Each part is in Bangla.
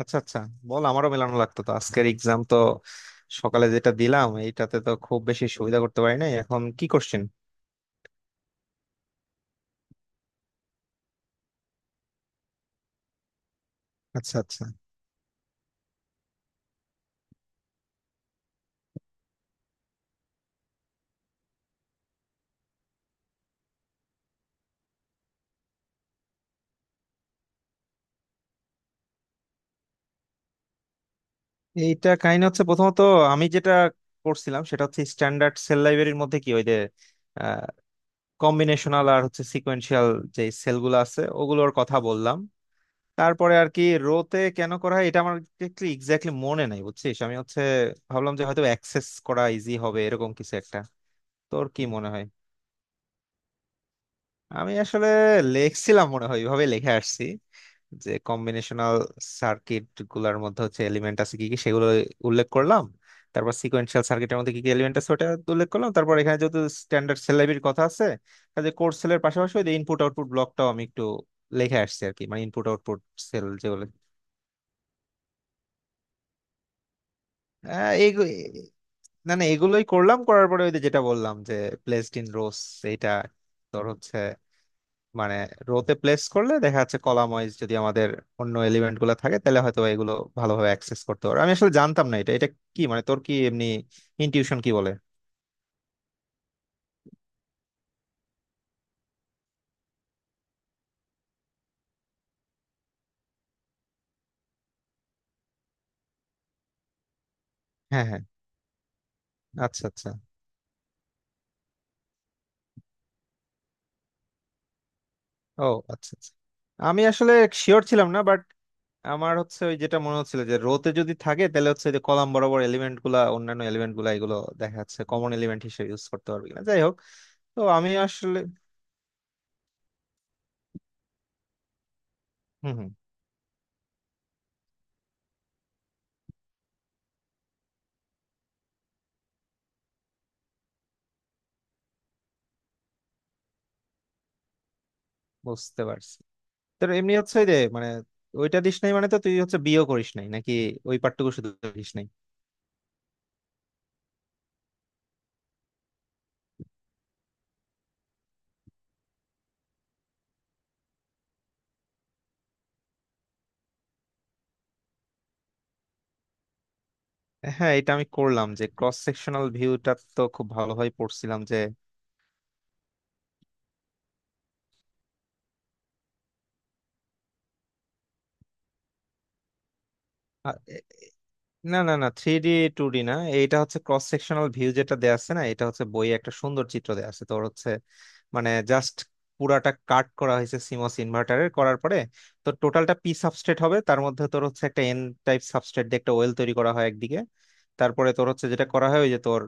আচ্ছা, আচ্ছা, বল। আমারও মেলানো লাগতো তো। আজকের এক্সাম তো সকালে যেটা দিলাম এইটাতে তো খুব বেশি সুবিধা করতে পারি নাই। এখন কি কোশ্চেন? আচ্ছা, আচ্ছা। এইটা কাহিনী হচ্ছে, প্রথমত আমি যেটা করছিলাম সেটা হচ্ছে স্ট্যান্ডার্ড সেল লাইব্রেরির মধ্যে কি ওই যে কম্বিনেশনাল আর হচ্ছে সিকোয়েন্সিয়াল, যে সেলগুলো আছে ওগুলোর কথা বললাম। তারপরে আর কি, রোতে কেন করা হয় এটা আমার এক্স্যাক্টলি মনে নাই, বুঝছিস। আমি হচ্ছে ভাবলাম যে হয়তো অ্যাক্সেস করা ইজি হবে, এরকম কিছু একটা। তোর কি মনে হয়? আমি আসলে লেখছিলাম মনে হয়, এইভাবে লিখে আসছি যে কম্বিনেশনাল সার্কিট গুলার মধ্যে হচ্ছে এলিমেন্ট আছে কি কি সেগুলো উল্লেখ করলাম। তারপর সিকোয়েন্সিয়াল সার্কিটের মধ্যে কি কি এলিমেন্ট আছে ওটা উল্লেখ করলাম। তারপর এখানে যেহেতু স্ট্যান্ডার্ড সেল লাইব্রেরির কথা আছে, কাজে কোর্স সেলের পাশাপাশি ওই ইনপুট আউটপুট ব্লকটাও আমি একটু লিখে আসছি আর কি, মানে ইনপুট আউটপুট সেল যেগুলো। আহ, এইগু- না, না, এগুলোই করলাম। করার পরে ওই যে যেটা বললাম, যে প্লেসড ইন রোস, এইটা তোর হচ্ছে মানে রোতে প্লেস করলে দেখা যাচ্ছে কলাম ওয়াইজ যদি আমাদের অন্য এলিমেন্ট গুলো থাকে তাহলে হয়তো এগুলো ভালোভাবে অ্যাক্সেস করতে পারবে। আমি আসলে জানতাম না এটা এটা কি, মানে তোর কি এমনি ইনটিউশন কি বলে? হ্যাঁ, হ্যাঁ। আচ্ছা, আচ্ছা। ও আচ্ছা, আচ্ছা। আমি আসলে শিওর ছিলাম না, বাট আমার হচ্ছে ওই যেটা মনে হচ্ছিল, যে রোতে যদি থাকে তাহলে হচ্ছে যে কলাম বরাবর এলিমেন্ট গুলা, অন্যান্য এলিমেন্ট গুলা, এগুলো দেখা যাচ্ছে কমন এলিমেন্ট হিসেবে ইউজ করতে পারবে কিনা। যাই হোক, তো আমি আসলে হম, হম। বুঝতে পারছি। তোর এমনি হচ্ছে যে মানে ওইটা দিস নাই মানে, তো তুই হচ্ছে বিয়ে করিস নাই নাকি? ওই পার্টটুকু শুধু দিস নাই? হ্যাঁ, এটা আমি করলাম যে ক্রস সেকশনাল ভিউটা তো খুব ভালোভাবে পড়ছিলাম যে, না, না, না, থ্রি ডি টু ডি না। এইটা হচ্ছে ক্রস সেকশনাল ভিউ, যেটা দেয়া আছে না, এটা হচ্ছে বইয়ে একটা সুন্দর চিত্র দেয়া আছে। তোর হচ্ছে মানে জাস্ট পুরাটা কাট করা হয়েছে সিমস ইনভার্টারের করার পরে। তো টোটালটা পি সাবস্ট্রেট হবে, তার মধ্যে তোর হচ্ছে একটা এন টাইপ সাবস্ট্রেট দিয়ে একটা ওয়েল তৈরি করা হয় একদিকে। তারপরে তোর হচ্ছে যেটা করা হয় ওই যে তোর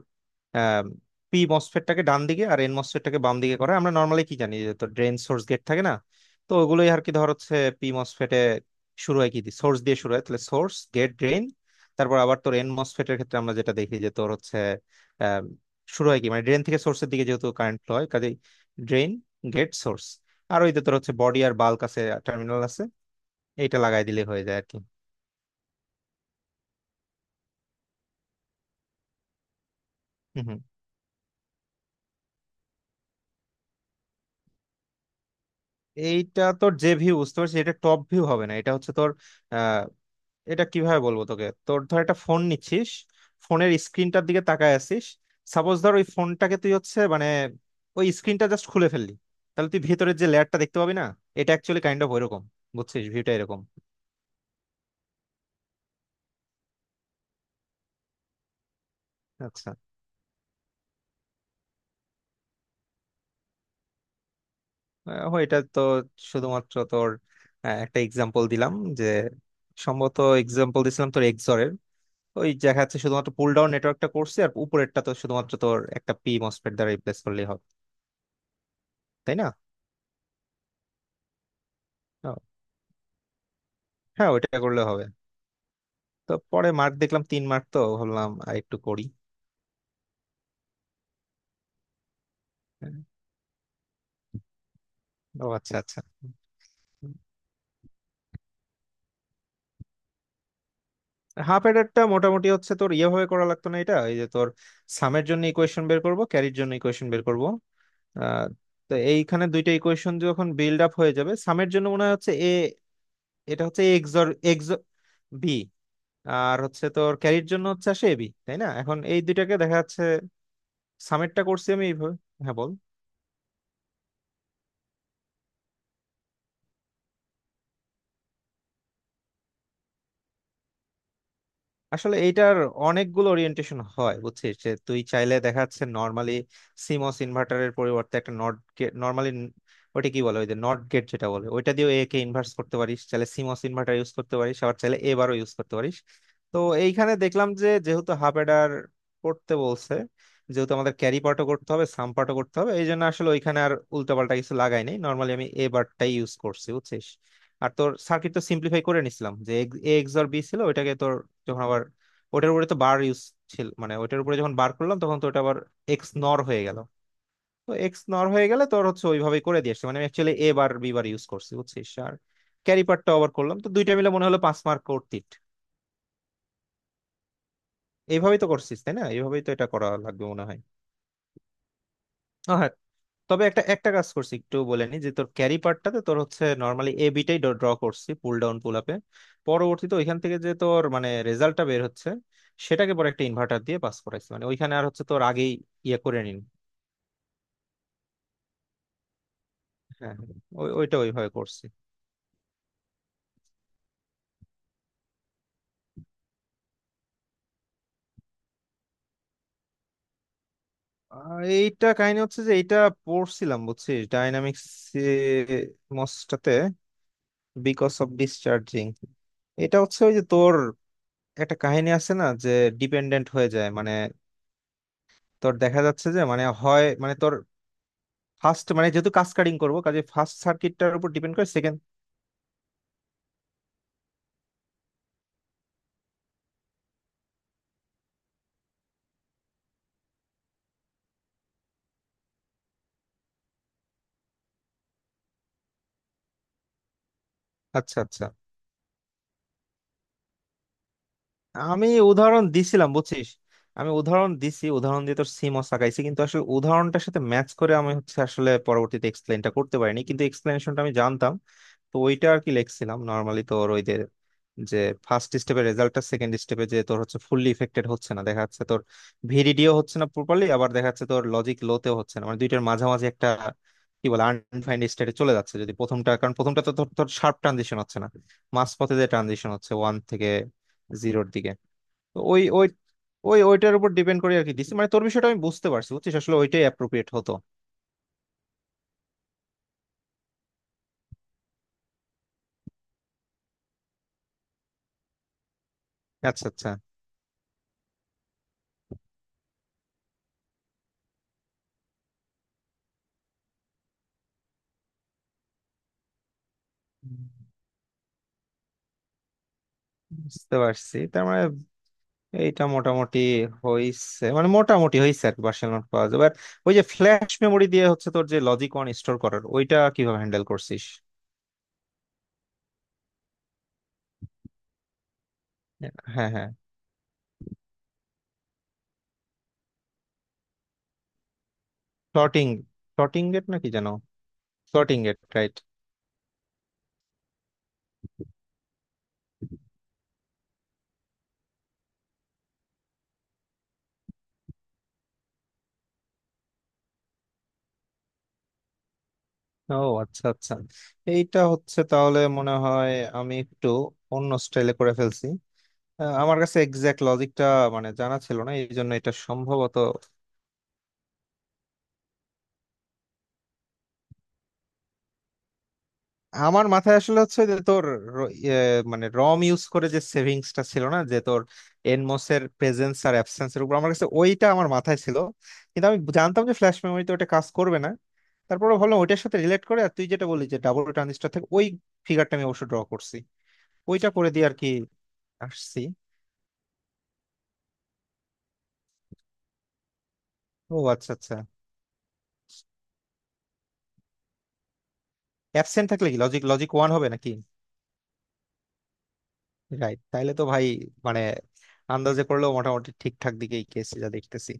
পি মসফেটটাকে ডান দিকে আর এন মসফেটটাকে বাম দিকে করা হয়। আমরা নর্মালি কি জানি, যে তোর ড্রেন সোর্স গেট থাকে না, তো ওগুলোই আর কি। ধর হচ্ছে পি মসফেটে শুরু হয় কি সোর্স দিয়ে, source দিয়ে শুরু হয় তাহলে সোর্স গেট ড্রেন। তারপর আবার তোর এন মসফেটের ক্ষেত্রে আমরা যেটা দেখি, যে তোর হচ্ছে আহ, শুরু হয় কি মানে ড্রেন থেকে সোর্সের দিকে, যেহেতু কারেন্ট ফ্লো হয়, কাজেই ড্রেন গেট সোর্স। আর ওইতে তোর হচ্ছে বডি আর বাল্ক আছে, টার্মিনাল আছে। এইটা লাগাই দিলে হয়ে যায় আর কি। হুম, হুম। এইটা তোর যে ভিউ বুঝতে পারছিস, এটা টপ ভিউ হবে না, এটা হচ্ছে তোর, এটা কিভাবে বলবো তোকে। তোর ধর একটা ফোন নিচ্ছিস, ফোনের স্ক্রিনটার দিকে তাকায় আছিস। সাপোজ ধর ওই ফোনটাকে তুই হচ্ছে মানে ওই স্ক্রিনটা জাস্ট খুলে ফেললি, তাহলে তুই ভিতরের যে লেয়ারটা দেখতে পাবি না, এটা অ্যাকচুয়ালি কাইন্ড অফ ওইরকম। বুঝছিস, ভিউটা এরকম। আচ্ছা। এটা তো শুধুমাত্র তোর একটা এক্সাম্পল দিলাম, যে সম্ভবত এক্সাম্পল দিছিলাম তোর এক্সরের। ওই দেখা যাচ্ছে শুধুমাত্র পুল ডাউন নেটওয়ার্কটা করছে, আর উপরেরটা তো শুধুমাত্র তোর একটা পি মসফেট দ্বারা রিপ্লেস করলেই হবে, তাই না? ও, হ্যাঁ, ওইটা করলে হবে। তো পরে মার্ক দেখলাম 3 মার্ক, তো ভাবলাম আর একটু করি। হ্যাঁ। ও আচ্ছা, আচ্ছা। হাফ এডারটা মোটামুটি হচ্ছে তোর ইয়েভাবে করা লাগতো না। এটা এই যে তোর সামের জন্য ইকুয়েশন বের করব, ক্যারির জন্য ইকুয়েশন বের করব, আহ, তো এইখানে দুইটা ইকুয়েশন যখন বিল্ড আপ হয়ে যাবে সামের জন্য মনে হয় হচ্ছে এ, এটা হচ্ছে এক্স অর এক্স বি। আর হচ্ছে তোর ক্যারির জন্য হচ্ছে আসে এবি, তাই না? এখন এই দুইটাকে দেখা যাচ্ছে সামেরটা করছি আমি এইভাবে। হ্যাঁ, বল। আসলে এইটার অনেকগুলো ওরিয়েন্টেশন হয় বুঝছিস, যে তুই চাইলে দেখা যাচ্ছে নর্মালি সিমস ইনভার্টারের পরিবর্তে একটা নট গেট, নর্মালি ওটা কি বলে ওই যে নট গেট যেটা বলে ওইটা দিয়ে এ কে ইনভার্স করতে পারিস, চাইলে সিমস ইনভার্টার ইউজ করতে পারিস, আবার চাইলে এবারও ইউজ করতে পারিস। তো এইখানে দেখলাম যে যেহেতু হাফ অ্যাডার করতে বলছে, যেহেতু আমাদের ক্যারি পার্টও করতে হবে সাম পার্টও করতে হবে, এই জন্য আসলে ওইখানে আর উল্টাপাল্টা কিছু লাগাই নাই, নর্মালি আমি এ বারটাই ইউজ করছি বুঝছিস। আর তোর সার্কিট তো সিম্পলিফাই করে নিছিলাম, যে এ এক্স আর বি ছিল ওইটাকে তোর যখন আবার ওটার উপরে তো বার ইউজ ছিল, মানে ওটার উপরে যখন বার করলাম তখন তো ওটা আবার এক্স নর হয়ে গেল। তো এক্স নর হয়ে গেলে তোর হচ্ছে ওইভাবেই করে দিয়ে আসছে। মানে আমি actually A bar B bar use করছি বুঝছিস, আর ক্যারি পার্টটা আবার করলাম তো দুইটা মিলে মনে হলো 5 মার্ক করতিট। এইভাবেই তো করছিস তাই না? এইভাবেই তো এটা করা লাগবে মনে হয়। ও হ্যাঁ, তবে একটা একটা কাজ করছি একটু বলে নি, যে তোর ক্যারি পার্টটাতে তোর হচ্ছে নর্মালি এ বিটাই ড্র করছি পুল ডাউন পুল আপে। পরবর্তীতে ওইখান থেকে যে তোর মানে রেজাল্টটা বের হচ্ছে, সেটাকে পরে একটা ইনভার্টার দিয়ে পাস করাইছি, মানে ওইখানে আর হচ্ছে তোর আগেই ইয়ে করে নিন। হ্যাঁ, হ্যাঁ, ওইটা ওইভাবে করছি। এইটা কাহিনী হচ্ছে যে এইটা পড়ছিলাম বুঝছিস, ডাইনামিক্স মসটাতে বিকজ অফ ডিসচার্জিং। এটা হচ্ছে ওই যে তোর একটা কাহিনী আছে না, যে ডিপেন্ডেন্ট হয়ে যায়, মানে তোর দেখা যাচ্ছে যে মানে হয় মানে তোর ফার্স্ট মানে যেহেতু কাসকাডিং করব, কাজে ফার্স্ট সার্কিটটার উপর ডিপেন্ড করে সেকেন্ড। আচ্ছা, আচ্ছা। আমি উদাহরণ দিছিলাম বুঝছিস। আমি উদাহরণ দিছি, উদাহরণ দিয়ে তোর সিমও সাকাইছি, কিন্তু আসলে উদাহরণটার সাথে ম্যাচ করে আমি হচ্ছে আসলে পরবর্তীতে এক্সপ্লেনটা করতে পারিনি, কিন্তু এক্সপ্লেনেশনটা আমি জানতাম। তো ওইটা আর কি লিখছিলাম নর্মালি তোর ওই যে, যে ফার্স্ট স্টেপের রেজাল্টটা সেকেন্ড স্টেপে যে তোর হচ্ছে ফুললি ইফেক্টেড হচ্ছে না, দেখা যাচ্ছে তোর ভিডিডিও হচ্ছে না প্রপারলি, আবার দেখা যাচ্ছে তোর লজিক লোতেও হচ্ছে না, মানে দুইটার মাঝামাঝি একটা কি বলে আনডিফাইন্ড স্টেটে চলে যাচ্ছে যদি প্রথমটা, কারণ প্রথমটা তো তোর তোর শার্প ট্রানজিশন হচ্ছে না, মাঝপথে যে ট্রানজিশন হচ্ছে ওয়ান থেকে জিরোর দিকে। তো ওই ওই ওই ওইটার উপর ডিপেন্ড করে আর কি দিচ্ছি, মানে তোর বিষয়টা আমি বুঝতে পারছি বুঝছিস, আসলে ওইটাই অ্যাপ্রোপ্রিয়েট হতো। আচ্ছা, আচ্ছা। বুঝতে পারছি, তার মানে এইটা মোটামুটি হইছে, মানে মোটামুটি হইছে আর কি, পার্সোনাল নোট পাওয়া যাবে। আর ওই যে ফ্ল্যাশ মেমোরি দিয়ে হচ্ছে তোর যে লজিক অন স্টোর করার, ওইটা কিভাবে হ্যান্ডেল করছিস? হ্যাঁ, হ্যাঁ। প্লটিং, প্লটিং গেট নাকি যেন? Plotting gate, right. ও আচ্ছা, আচ্ছা। এইটা হচ্ছে তাহলে মনে হয় আমি একটু অন্য স্টাইলে করে ফেলছি। আমার কাছে এক্সাক্ট লজিকটা মানে জানা ছিল না, এই জন্য এটা সম্ভবত আমার মাথায় আসলে হচ্ছে যে তোর ইয়ে, মানে রম ইউজ করে যে সেভিংসটা ছিল না, যে তোর এনমোস এর প্রেজেন্স আর অ্যাবসেন্স এর উপর, আমার কাছে ওইটা আমার মাথায় ছিল। কিন্তু আমি জানতাম যে ফ্ল্যাশ মেমোরিতে ওটা কাজ করবে না। তারপরে ভাবলাম ওইটার সাথে রিলেট করে আর তুই যেটা বলি যে ডাবল ট্রানজিস্টর থেকে ওই ফিগারটা আমি অবশ্য ড্র করছি, ওইটা করে দিয়ে আর কি আসছি। ও আচ্ছা, আচ্ছা। অ্যাবসেন্ট থাকলে কি লজিক, লজিক ওয়ান হবে নাকি? রাইট, তাইলে তো ভাই মানে আন্দাজে করলেও মোটামুটি ঠিকঠাক দিকেই গেছি যা দেখতেছি।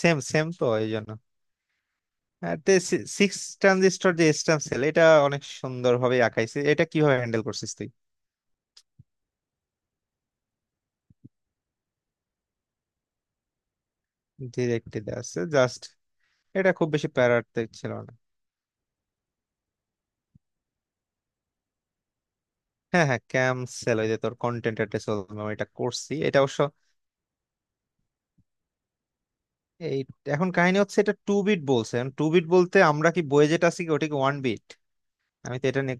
সেম সেম, তো এই জন্য। আর তে সিক্স ট্রানজিস্টর যে স্ট্যাম্প সেল, এটা অনেক সুন্দর ভাবে আঁকাইছে। এটা কিভাবে হ্যান্ডেল করছিস তুই? ডিরেক্টলি আছে জাস্ট। এটা খুব বেশি প্যারাতে ছিল না। হ্যাঁ, হ্যাঁ, ক্যাম সেল, ওই যে তোর কন্টেন্ট অ্যাড্রেস, এটা করছি, এটা অবশ্য এই, এখন কাহিনী হচ্ছে এটা টু বিট বলছে, টু বিট বলতে আমরা কি বইয়ে যেটা আছে কি ওটা কি ওয়ান বিট? আমি তো এটা নিয়ে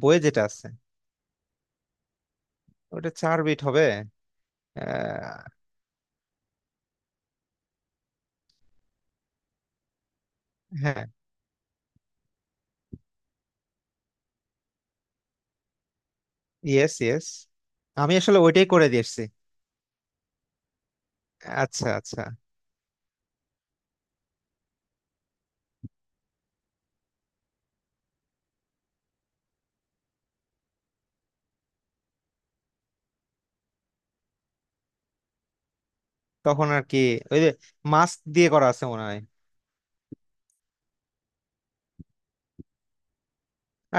বইয়ে যেটা আছে, ওটা 4 বিট হবে। আহ, হ্যাঁ। Yes, yes. আমি আসলে ওইটাই করে দিয়েছি। আচ্ছা, আচ্ছা। তখন আর কি ওই যে মাস্ক দিয়ে করা আছে মনে হয়।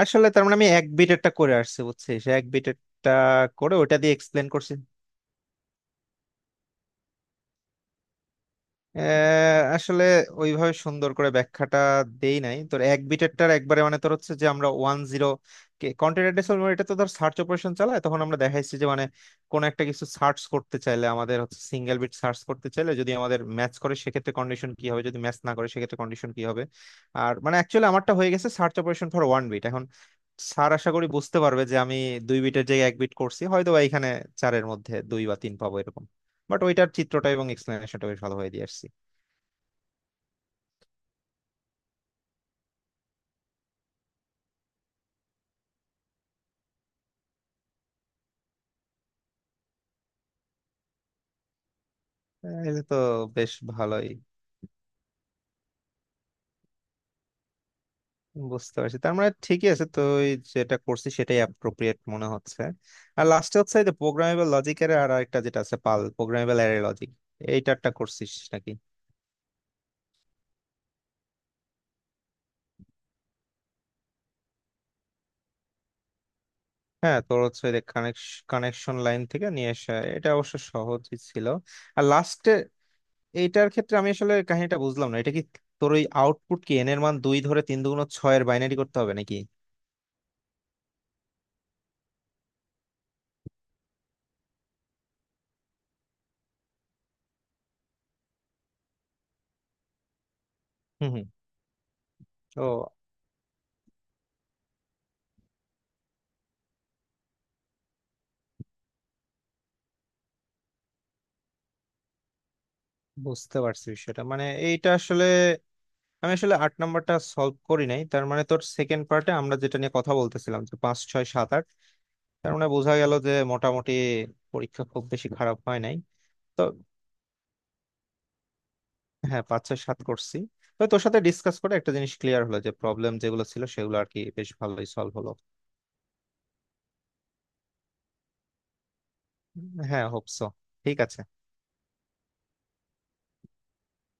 আসলে তার মানে আমি এক বিটেরটা করে আসছি বুঝছিস, এক বিটেরটা করে ওটা দিয়ে এক্সপ্লেন করছি। আসলে ওইভাবে সুন্দর করে ব্যাখ্যাটা দেই নাই তোর এক বিটেরটার একবারে, মানে তোর হচ্ছে যে আমরা ওয়ান জিরো কন্টেন্ট অ্যাড্রেস। এটা তো ধর সার্চ অপারেশন চালায়, তখন আমরা দেখাইছি যে মানে কোন একটা কিছু সার্চ করতে চাইলে আমাদের হচ্ছে সিঙ্গেল বিট সার্চ করতে চাইলে যদি আমাদের ম্যাচ করে সেক্ষেত্রে কন্ডিশন কি হবে, যদি ম্যাচ না করে সেক্ষেত্রে কন্ডিশন কি হবে। আর মানে অ্যাকচুয়ালি আমারটা হয়ে গেছে search operation for one bit. এখন স্যার আশা করি বুঝতে পারবে যে আমি 2 বিটের জায়গায় 1 বিট করছি, হয়তো বা এখানে চারের মধ্যে দুই বা তিন পাবো এরকম। বাট ওইটার চিত্রটা এবং এক্সপ্লেনেশনটা বেশ ভালো হয়ে দিয়ে আসছি। হ্যাঁ, এটা তো বেশ ভালোই। বুঝতে পারছি, তার মানে ঠিকই আছে, তো ওই যেটা করছি সেটাই অ্যাপ্রোপ্রিয়েট মনে হচ্ছে। আর লাস্টে হচ্ছে এই যে প্রোগ্রামেবল লজিকের আর একটা যেটা আছে পাল প্রোগ্রামেবল অ্যারে লজিক, এইটারটা করছিস নাকি? হ্যাঁ, তোর হচ্ছে কানেকশন লাইন থেকে নিয়ে আসা, এটা অবশ্য সহজই ছিল। আর লাস্টে এইটার ক্ষেত্রে আমি আসলে কাহিনীটা বুঝলাম না, এটা কি তোর ওই আউটপুট কি এন এর মান দুই ধরে তিন দুগুণ ছয়ের বাইনারি করতে হবে নাকি? হুম, হুম। ও, বুঝতে পারছি বিষয়টা, মানে এইটা আসলে আমি আসলে আট নাম্বারটা সলভ করি নাই। তার মানে তোর সেকেন্ড পার্টে আমরা যেটা নিয়ে কথা বলতেছিলাম যে 5, 6, 7, 8, তার মানে বোঝা গেল যে মোটামুটি পরীক্ষা খুব বেশি খারাপ হয় নাই তো। হ্যাঁ, 5, 6, 7 করছি। তো তোর সাথে ডিসকাস করে একটা জিনিস ক্লিয়ার হলো যে প্রবলেম যেগুলো ছিল সেগুলো আর কি বেশ ভালোই সলভ হলো। হ্যাঁ, হোপসো। ঠিক আছে।